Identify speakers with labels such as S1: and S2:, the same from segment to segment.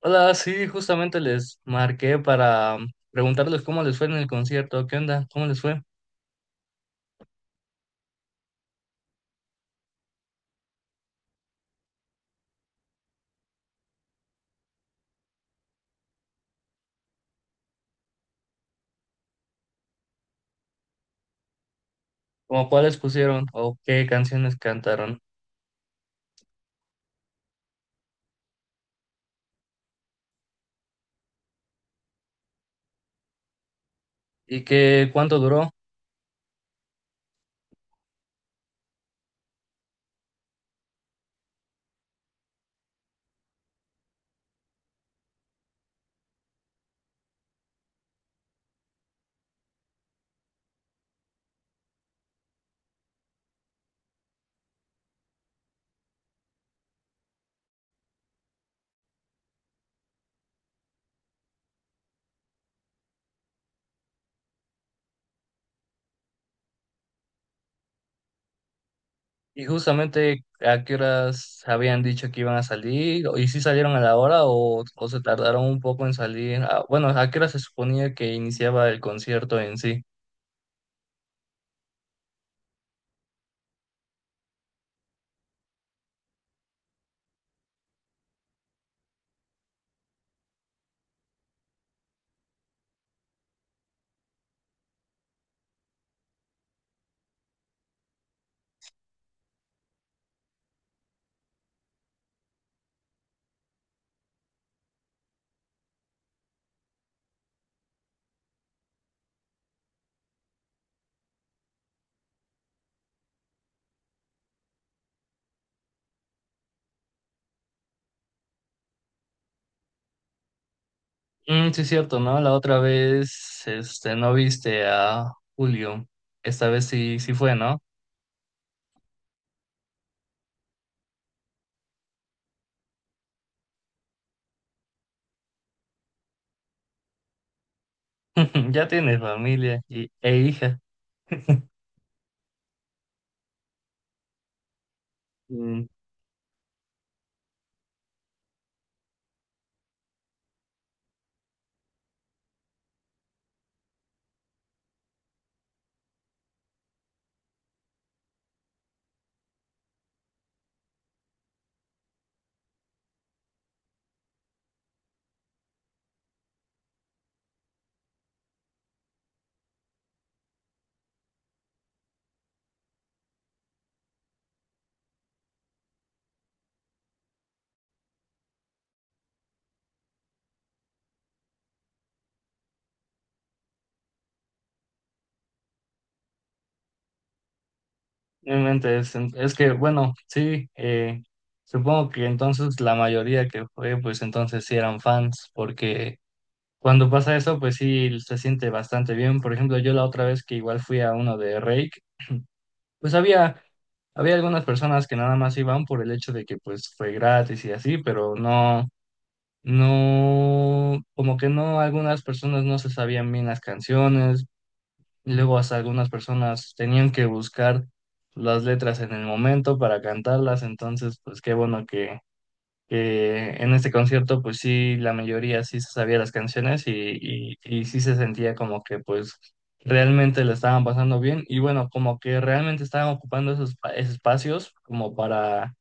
S1: Hola, sí, justamente les marqué para preguntarles cómo les fue en el concierto, qué onda, cómo les fue, como cuáles pusieron o qué canciones cantaron y qué cuánto duró y justamente a qué horas habían dicho que iban a salir y si salieron a la hora o se tardaron un poco en salir. Ah, bueno, a qué hora se suponía que iniciaba el concierto en sí. Mm, sí, es cierto, ¿no? La otra vez, este, no viste a Julio. Esta vez sí, sí fue, ¿no? Ya tiene familia e hija. Mm, Realmente es que, bueno, sí, supongo que entonces la mayoría que fue, pues entonces sí eran fans, porque cuando pasa eso, pues sí se siente bastante bien. Por ejemplo, yo la otra vez que igual fui a uno de Rake, pues había algunas personas que nada más iban por el hecho de que pues fue gratis y así, pero no, no, como que no, algunas personas no se sabían bien las canciones y luego hasta algunas personas tenían que buscar las letras en el momento para cantarlas, entonces pues qué bueno que en este concierto pues sí, la mayoría sí se sabía las canciones y sí se sentía como que pues realmente la estaban pasando bien y bueno, como que realmente estaban ocupando esos, esos espacios como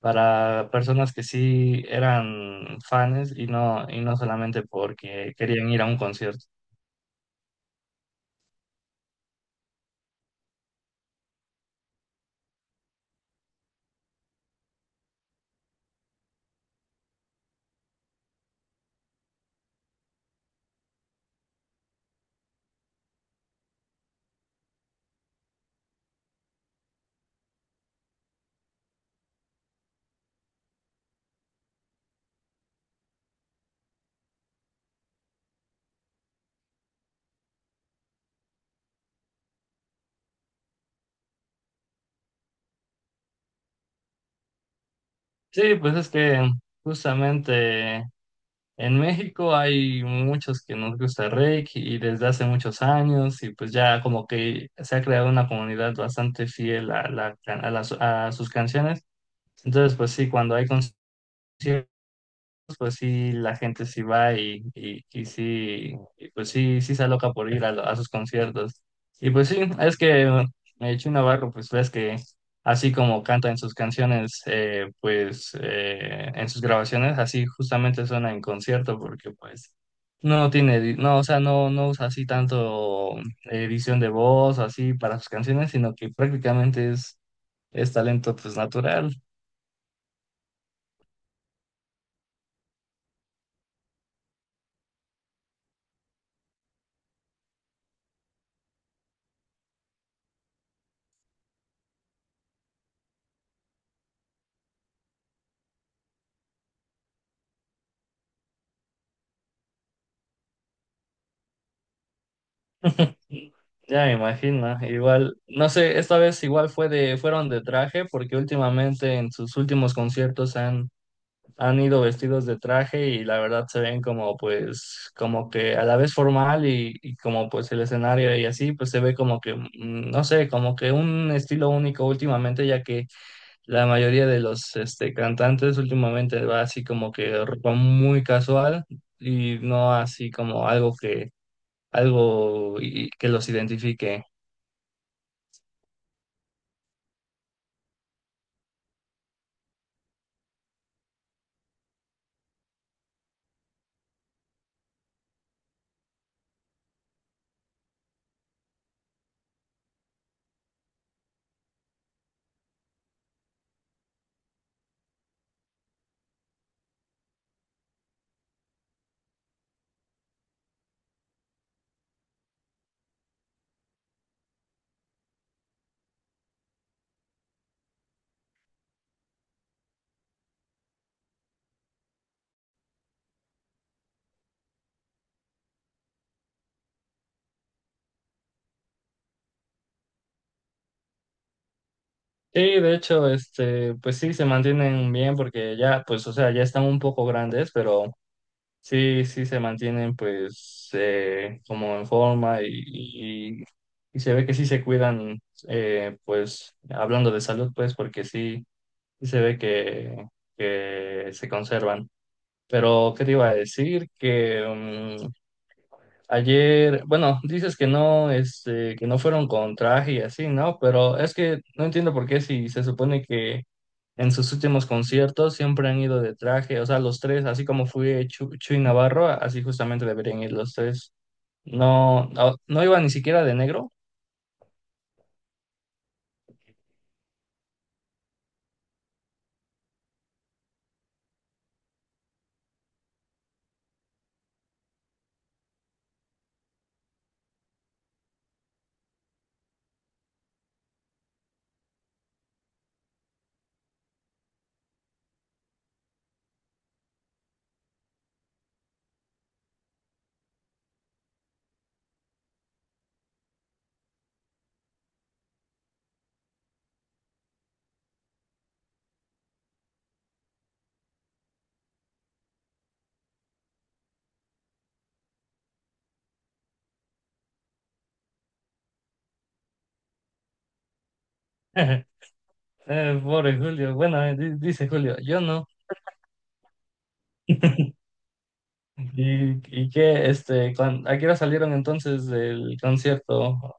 S1: para personas que sí eran fans y no solamente porque querían ir a un concierto. Sí, pues es que justamente en México hay muchos que nos gusta el Reiki y desde hace muchos años y pues ya como que se ha creado una comunidad bastante fiel a, la, a, las- a sus canciones. Entonces pues sí, cuando hay conciertos pues sí, la gente sí va y sí, y, pues sí, sí se aloca por ir a, a sus conciertos. Y pues sí, es que Chino Navarro, pues ves que así como canta en sus canciones, pues en sus grabaciones, así justamente suena en concierto, porque pues no tiene, no, o sea, no, no usa así tanto edición de voz o así para sus canciones, sino que prácticamente es talento pues natural. Ya me imagino, igual, no sé, esta vez igual fue de, fueron de traje, porque últimamente en sus últimos conciertos han ido vestidos de traje y la verdad se ven como pues, como que a la vez formal y como pues el escenario y así, pues se ve como que, no sé, como que un estilo único últimamente, ya que la mayoría de los este, cantantes últimamente va así como que ropa muy casual y no así como algo que, que los identifique. Sí, de hecho, este, pues sí, se mantienen bien porque ya, pues, o sea, ya están un poco grandes, pero sí, sí se mantienen, pues, como en forma y- y se ve que sí se cuidan, pues, hablando de salud, pues, porque sí, sí se ve que se conservan. Pero, ¿qué te iba a decir? Que, mm, ayer, bueno, dices que no, este, que no fueron con traje y así, ¿no? Pero es que no entiendo por qué si se supone que en sus últimos conciertos siempre han ido de traje, o sea, los tres, así como fue Chuy Navarro, así justamente deberían ir los tres. No, no, no iba ni siquiera de negro. Pobre Julio, bueno, dice Julio, yo no. ¿Y, y qué, este, a qué hora salieron entonces del concierto?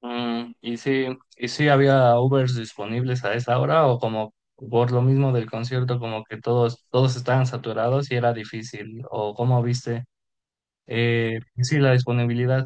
S1: Mm, y si había Ubers disponibles a esa hora o como por lo mismo del concierto, como que todos, todos estaban saturados y era difícil? ¿O cómo viste? Y sí, la disponibilidad.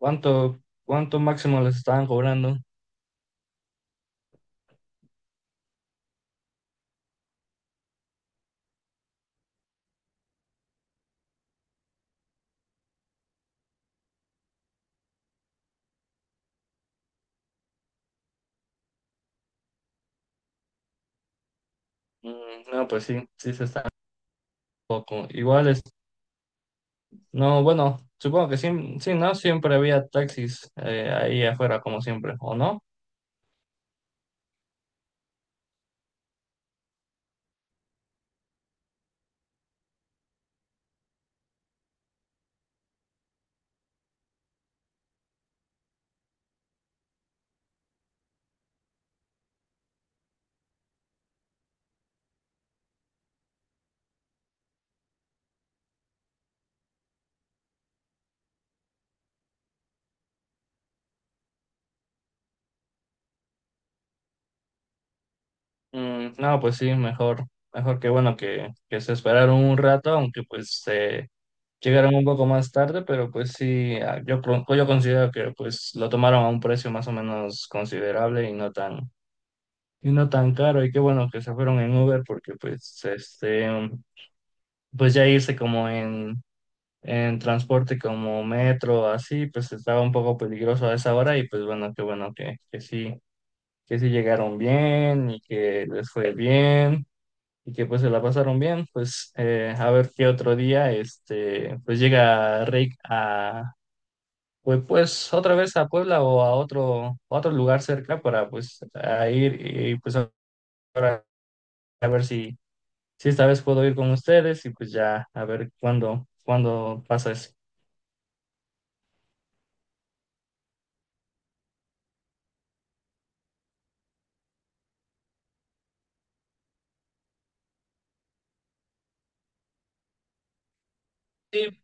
S1: ¿Cuánto, cuánto máximo les estaban cobrando? Mm, no, pues sí, sí se está poco. Igual es, no, bueno, supongo que sí, sí, ¿no? Siempre había taxis ahí afuera como siempre, ¿o no? Mm, no, pues sí, mejor, mejor que bueno que se esperaron un rato, aunque pues... llegaron un poco más tarde, pero pues sí, ah, yo, yo considero que pues lo tomaron a un precio más o menos considerable y no tan caro. Y qué bueno que se fueron en Uber porque pues este, pues ya irse como en transporte como metro, así, pues estaba un poco peligroso a esa hora y pues bueno, qué bueno que sí llegaron bien y que les fue bien y que pues se la pasaron bien, pues a ver qué otro día, este, pues llega Rick a pues, pues otra vez a Puebla o a otro lugar cerca para pues a ir y pues ahora a ver si, si esta vez puedo ir con ustedes y pues ya a ver cuándo, cuándo pasa eso. Sí,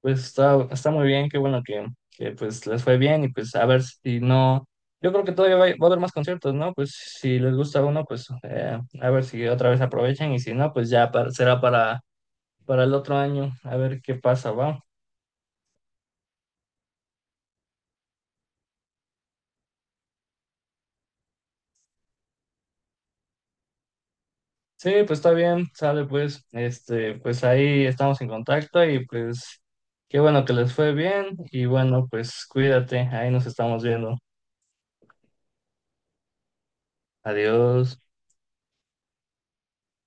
S1: pues está, está muy bien, qué bueno que pues les fue bien y pues a ver si no, yo creo que todavía va a haber más conciertos, ¿no? Pues si les gusta uno, pues a ver si otra vez aprovechan y si no, pues ya será para el otro año, a ver qué pasa, ¿va? Sí, pues está bien, sale pues, este, pues ahí estamos en contacto y pues qué bueno que les fue bien y bueno, pues cuídate, ahí nos estamos viendo. Adiós.